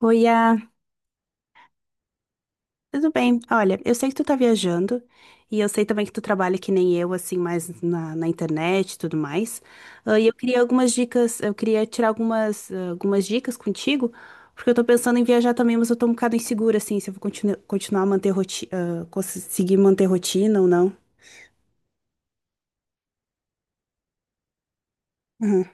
Oi, tudo bem? Olha, eu sei que tu tá viajando e eu sei também que tu trabalha que nem eu, assim, mais na internet e tudo mais. E eu queria algumas dicas, eu queria tirar algumas dicas contigo, porque eu tô pensando em viajar também, mas eu tô um bocado insegura, assim, se eu vou continuar a manter rotina, conseguir manter rotina ou não. Uhum.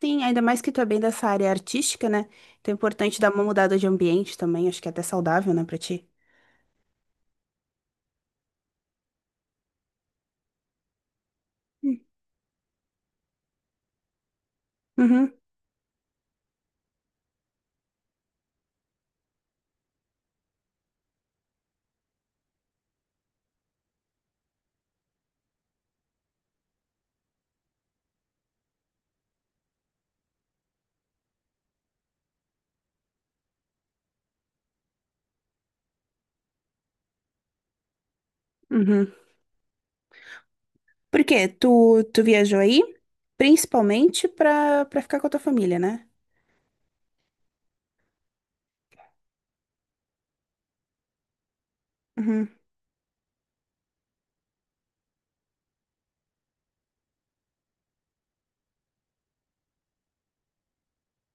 Sim, ainda mais que tu é bem dessa área artística, né? Então é importante dar uma mudada de ambiente também, acho que é até saudável, né, pra ti. Uhum, uhum. Por quê? Tu viajou aí principalmente pra ficar com a tua família, né? Uhum,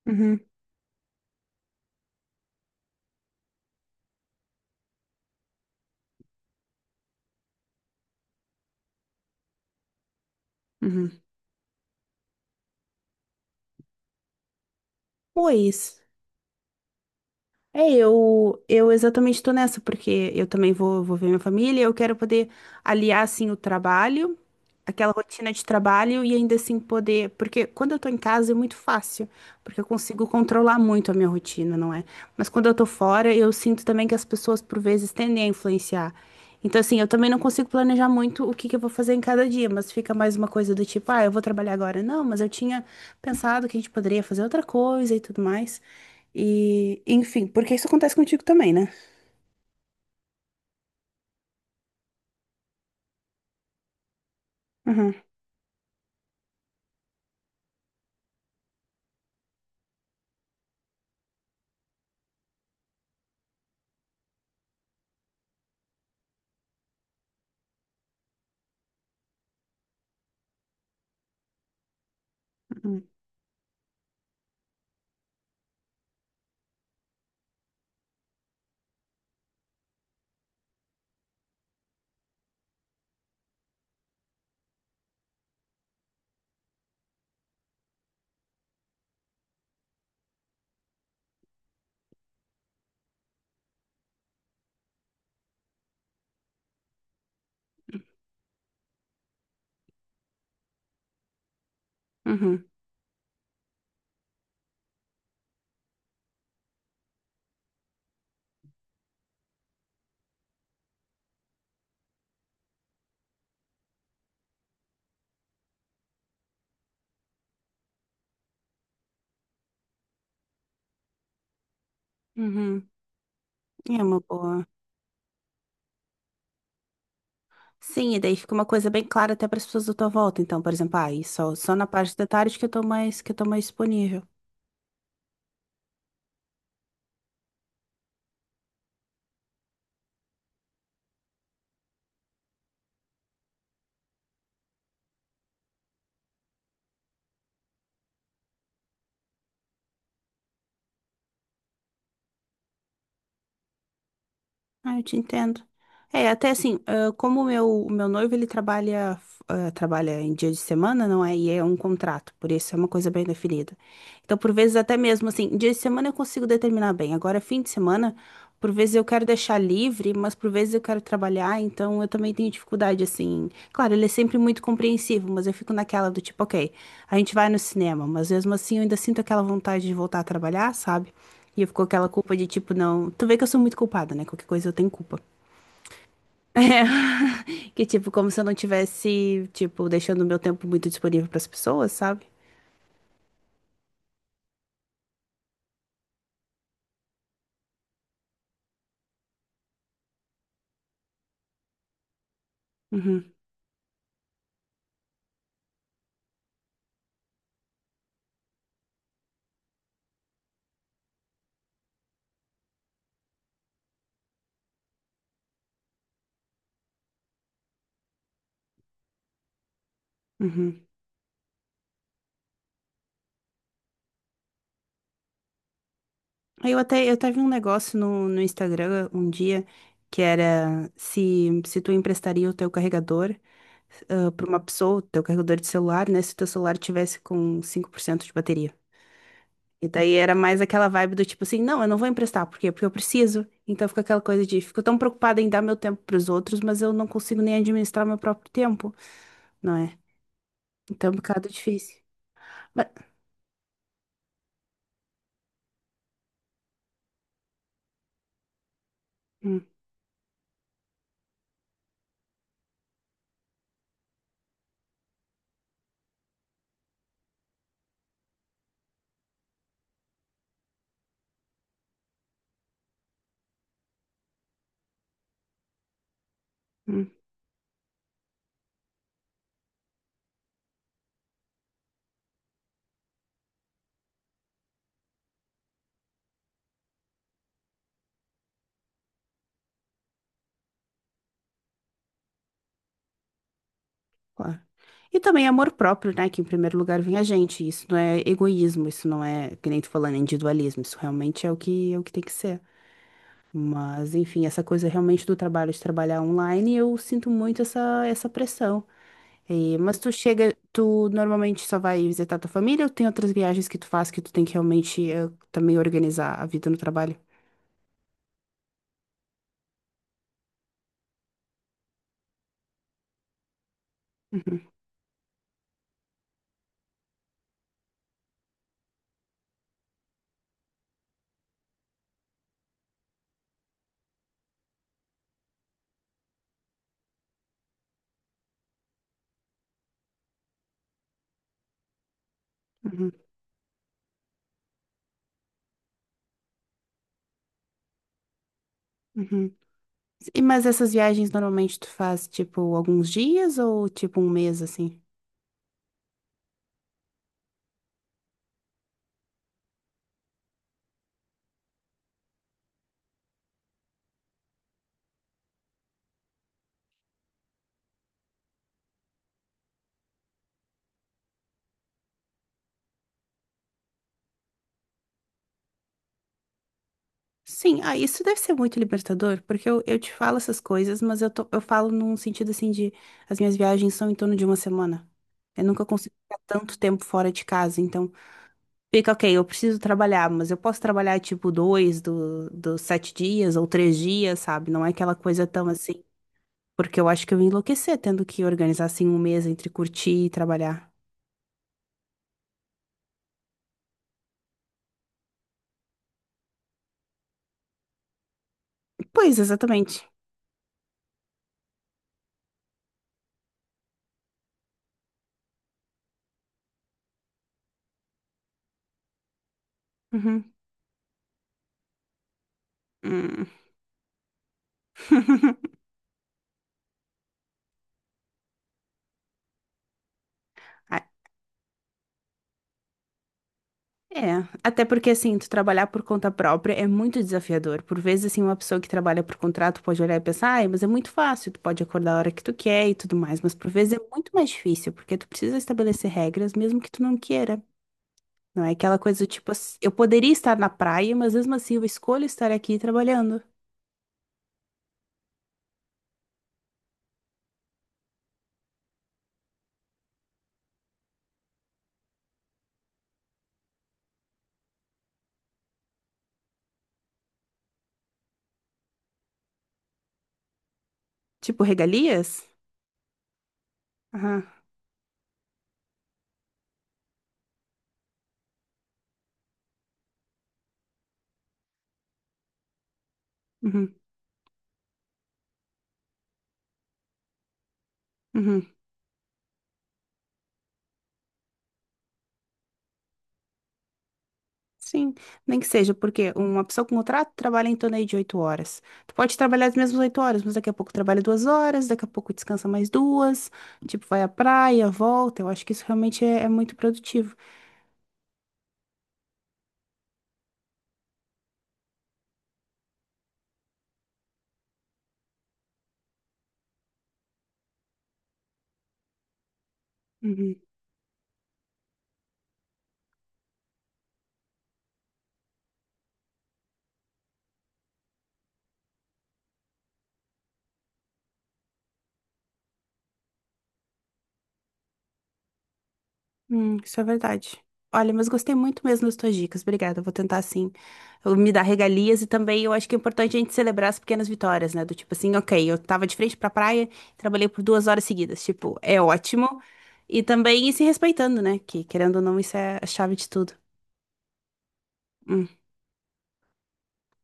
uhum, uhum. Pois. É, eu exatamente estou nessa, porque eu também vou ver minha família, eu quero poder aliar, assim, o trabalho, aquela rotina de trabalho e ainda assim poder. Porque quando eu tô em casa é muito fácil, porque eu consigo controlar muito a minha rotina, não é? Mas quando eu tô fora, eu sinto também que as pessoas, por vezes, tendem a influenciar. Então, assim, eu também não consigo planejar muito o que que eu vou fazer em cada dia, mas fica mais uma coisa do tipo, ah, eu vou trabalhar agora. Não, mas eu tinha pensado que a gente poderia fazer outra coisa e tudo mais. E, enfim, porque isso acontece contigo também, né? Uhum, uhum, uhum, uhum. É uma boa. Sim, e daí fica uma coisa bem clara até para as pessoas da tua volta. Então, por exemplo, e só na parte da tarde que eu tô mais disponível. Ah, eu te entendo. É, até assim, como o meu noivo, ele trabalha em dia de semana, não é? E é um contrato, por isso é uma coisa bem definida. Então, por vezes, até mesmo assim, dia de semana eu consigo determinar bem. Agora, fim de semana, por vezes eu quero deixar livre, mas por vezes eu quero trabalhar, então eu também tenho dificuldade, assim. Claro, ele é sempre muito compreensivo, mas eu fico naquela do tipo, ok, a gente vai no cinema, mas mesmo assim eu ainda sinto aquela vontade de voltar a trabalhar, sabe? E eu fico com aquela culpa de tipo, não. Tu vê que eu sou muito culpada, né? Qualquer coisa eu tenho culpa. É. Que tipo, como se eu não tivesse, tipo, deixando o meu tempo muito disponível para as pessoas, sabe? Uhum. Uhum. Aí eu até vi um negócio no Instagram um dia que era se tu emprestaria o teu carregador para uma pessoa, o teu carregador de celular, né? Se o teu celular tivesse com 5% de bateria. E daí era mais aquela vibe do tipo assim, não, eu não vou emprestar, por quê? Porque eu preciso. Então fica aquela coisa de, fico tão preocupada em dar meu tempo pros outros, mas eu não consigo nem administrar meu próprio tempo, não é? Então é um bocado difícil. Mas, hum, hum, claro. E também amor próprio, né? Que em primeiro lugar vem a gente. Isso não é egoísmo, isso não é, que nem tu falando, individualismo. Isso realmente é o que tem que ser. Mas, enfim, essa coisa realmente do trabalho, de trabalhar online, eu sinto muito essa pressão. Mas tu normalmente só vai visitar tua família ou tem outras viagens que tu faz que tu tem que realmente também organizar a vida no trabalho? Uhum, uhum, uhum. E, mas essas viagens normalmente tu faz tipo alguns dias ou tipo um mês assim? Sim, isso deve ser muito libertador, porque eu te falo essas coisas, mas eu falo num sentido assim de as minhas viagens são em torno de uma semana. Eu nunca consigo ficar tanto tempo fora de casa, então fica, ok, eu preciso trabalhar, mas eu posso trabalhar tipo dois dos 7 dias ou 3 dias, sabe? Não é aquela coisa tão assim. Porque eu acho que eu ia enlouquecer tendo que organizar assim um mês entre curtir e trabalhar. Pois, exatamente. Uhum. Hum. Ah, é, até porque assim, tu trabalhar por conta própria é muito desafiador. Por vezes, assim, uma pessoa que trabalha por contrato pode olhar e pensar, ai, mas é muito fácil, tu pode acordar a hora que tu quer e tudo mais. Mas por vezes é muito mais difícil, porque tu precisa estabelecer regras, mesmo que tu não queira. Não é aquela coisa do tipo, eu poderia estar na praia, mas mesmo assim eu escolho estar aqui trabalhando. Tipo, regalias? Aham. Uhum. Uhum. Sim, nem que seja, porque uma pessoa com contrato trabalha em torno aí de 8 horas. Tu pode trabalhar as mesmas 8 horas, mas daqui a pouco trabalha 2 horas, daqui a pouco descansa mais duas, tipo, vai à praia, volta. Eu acho que isso realmente é muito produtivo. Uhum. Isso é verdade. Olha, mas gostei muito mesmo das tuas dicas. Obrigada. Eu vou tentar assim, eu me dar regalias e também eu acho que é importante a gente celebrar as pequenas vitórias, né? Do tipo assim, ok, eu tava de frente pra praia, trabalhei por 2 horas seguidas. Tipo, é ótimo. E também ir se respeitando, né? Que querendo ou não, isso é a chave de tudo. Hum,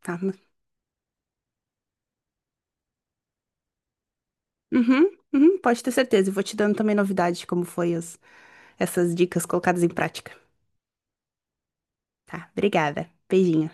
tá. Uhum, uhum, pode ter certeza. Eu vou te dando também novidades de como foi essas dicas colocadas em prática. Tá, obrigada. Beijinho.